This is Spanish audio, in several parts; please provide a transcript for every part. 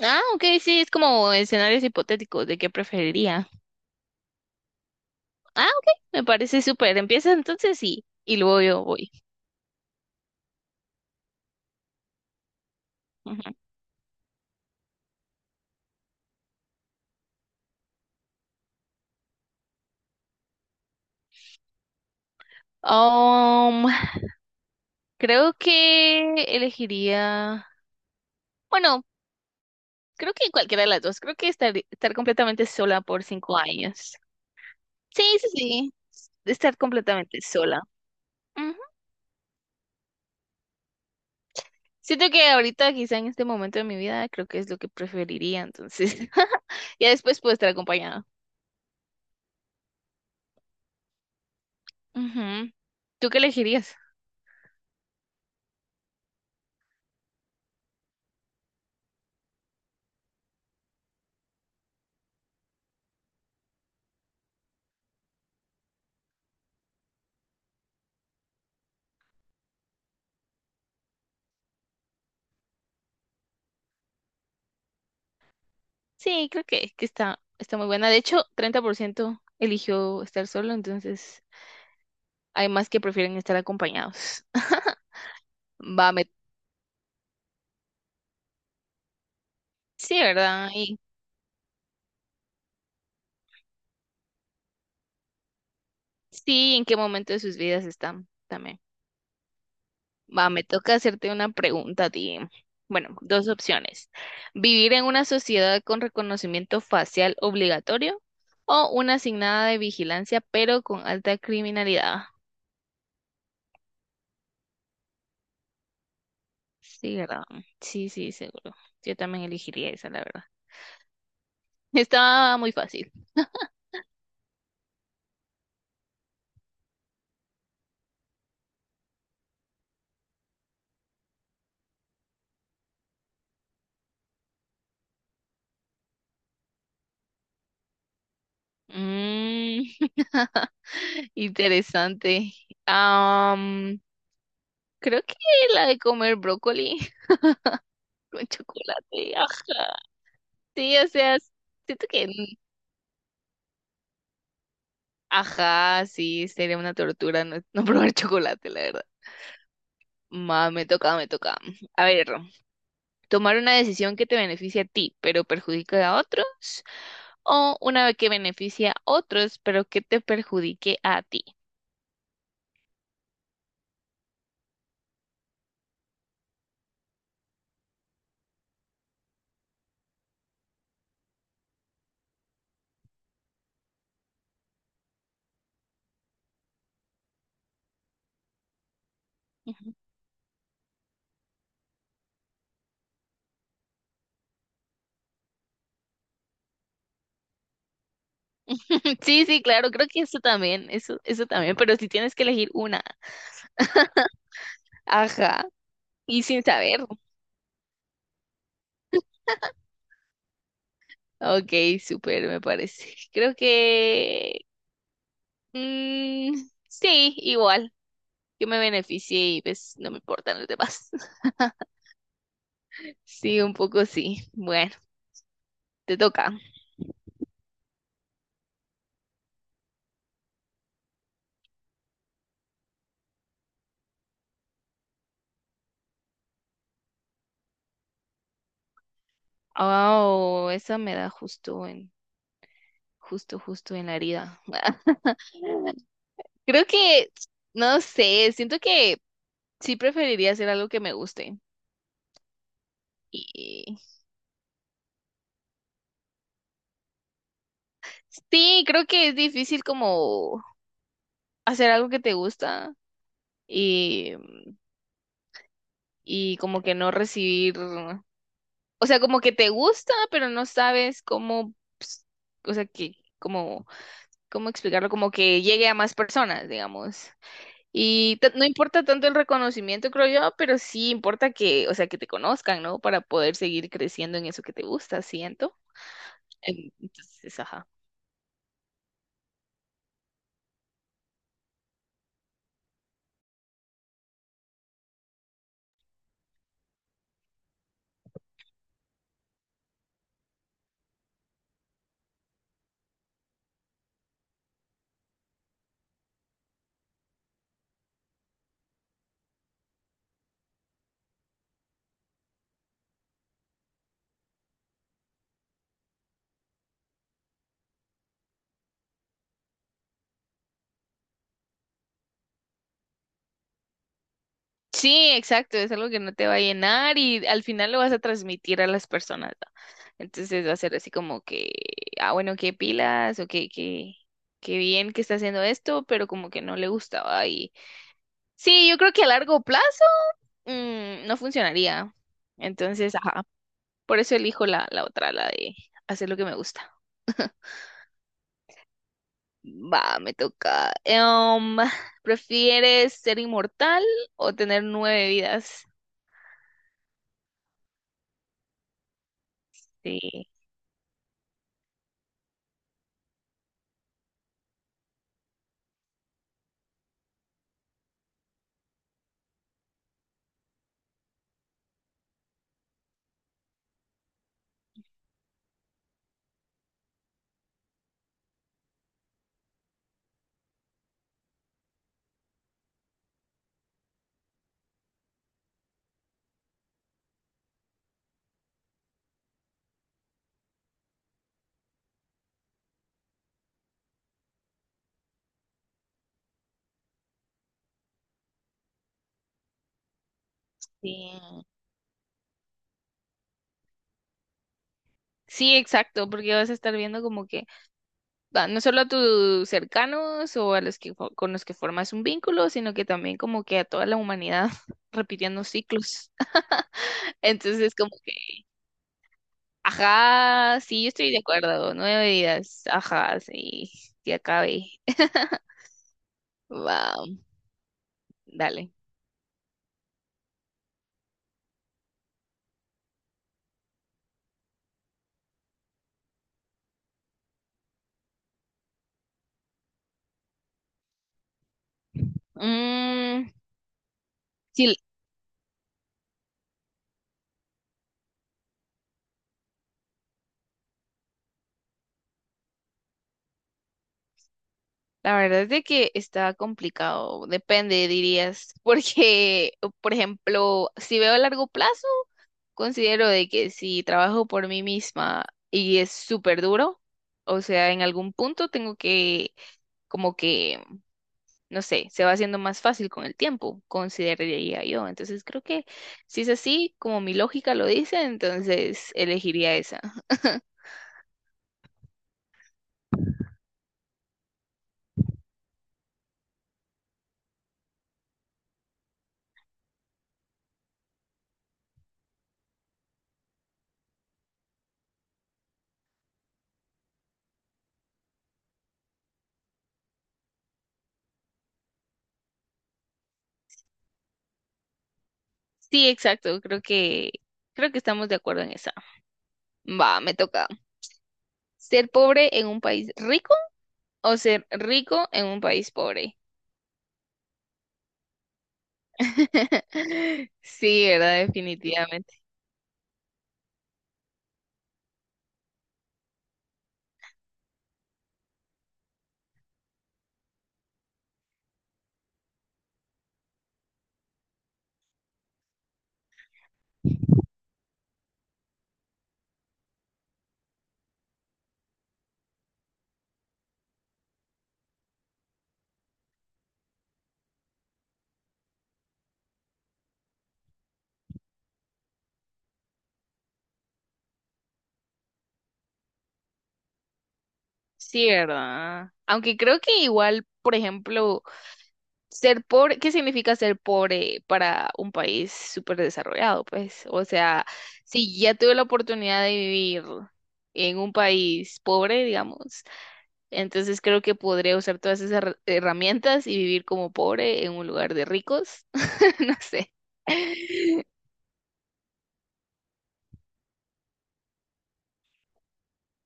Ah, ok, sí, es como escenarios hipotéticos de qué preferiría. Ah, ok, me parece súper. Empieza entonces sí, y luego yo voy. Ujú. Um, Creo que elegiría, bueno, creo que cualquiera de las dos. Creo que estar completamente sola por 5 años. Sí, sí, sí, estar completamente sola. Ujú. Siento que ahorita, quizá en este momento de mi vida, creo que es lo que preferiría, entonces ya después puedo estar acompañada. Ujú. ¿Tú qué elegirías? Sí, creo que está muy buena. De hecho, 30% eligió estar solo, entonces hay más que prefieren estar acompañados. Va. Sí, ¿verdad? Y sí, ¿en qué momento de sus vidas están también? Va, me toca hacerte una pregunta a ti. Bueno, dos opciones. ¿Vivir en una sociedad con reconocimiento facial obligatorio o una asignada de vigilancia pero con alta criminalidad? Sí, ¿verdad? Sí, sí, seguro. Yo también elegiría esa, la verdad. Está muy fácil. Mm. Interesante. Am, Creo que la de comer brócoli con chocolate. Ah, sí, o sea, siento que, ajá, sí, sería una tortura no, no probar chocolate, la verdad. Me toca, me toca. A ver, tomar una decisión que te beneficie a ti, pero perjudica a otros o una que beneficia a otros, pero que te perjudique a ti. Sí, sí, claro, creo que eso también, eso también, pero si tienes que elegir una, ajá, y sin saber. Ok, súper, me parece. Creo que mm, sí, igual, que me beneficie y pues no me importan los demás. Sí, un poco sí. Bueno, te toca. Oh, esa me da justo en la herida. Creo que, no sé, siento que sí preferiría hacer algo que me guste. Y sí, creo que es difícil como hacer algo que te gusta y, y como que no recibir. O sea, como que te gusta, pero no sabes cómo, ps- o sea, que, cómo, cómo explicarlo, como que llegue a más personas, digamos. Y no importa tanto el reconocimiento, creo yo, pero sí importa que, o sea, que te conozcan, ¿no? Para poder seguir creciendo en eso que te gusta, siento. Entonces, ajá. Sí, exacto, es algo que no te va a llenar y al final lo vas a transmitir a las personas, ¿va? Entonces va a ser así como que, ah, bueno, qué pilas o qué bien que está haciendo esto, pero como que no le gustaba y sí, yo creo que a largo plazo no funcionaría. Entonces, ajá, por eso elijo la otra, la de hacer lo que me gusta. Va, me toca. ¿Prefieres ser inmortal o tener nueve vidas? Sí, sí. Sí, exacto, porque vas a estar viendo como que va, no solo a tus cercanos o a los que con los que formas un vínculo, sino que también como que a toda la humanidad repitiendo ciclos. Entonces como que, ajá, sí, yo estoy de acuerdo, 9 días, ajá, sí, que acabe. Va, dale. Mm, sí, la verdad es de que está complicado, depende, dirías, porque, por ejemplo, si veo a largo plazo, considero de que si trabajo por mí misma y es súper duro, o sea, en algún punto tengo que, como que, no sé, se va haciendo más fácil con el tiempo, consideraría yo. Entonces creo que si es así, como mi lógica lo dice, entonces elegiría esa. Sí, exacto, creo que estamos de acuerdo en esa. Va, me toca. ¿Ser pobre en un país rico o ser rico en un país pobre? Sí, ¿verdad? Sí, ¿verdad? Aunque creo que igual, por ejemplo, ser pobre, ¿qué significa ser pobre para un país súper desarrollado? Pues, o sea, si ya tuve la oportunidad de vivir en un país pobre, digamos, entonces creo que podría usar todas esas herramientas y vivir como pobre en un lugar de ricos. No sé.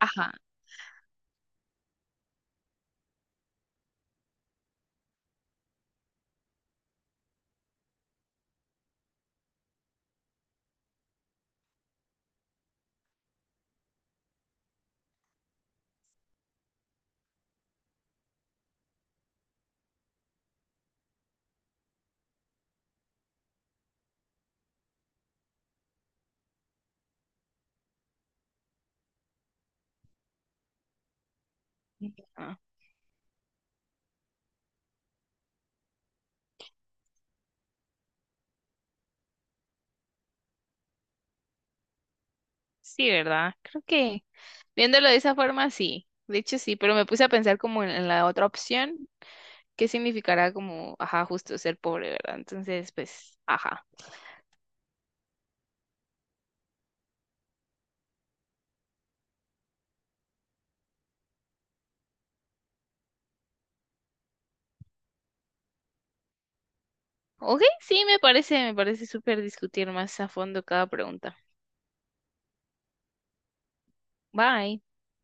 Ajá. Ah, sí, ¿verdad? Creo que viéndolo de esa forma, sí. De hecho, sí, pero me puse a pensar como en la otra opción qué significará como, ajá, justo ser pobre, ¿verdad? Entonces, pues, ajá. Ok, sí, me parece súper discutir más a fondo cada pregunta. Bye.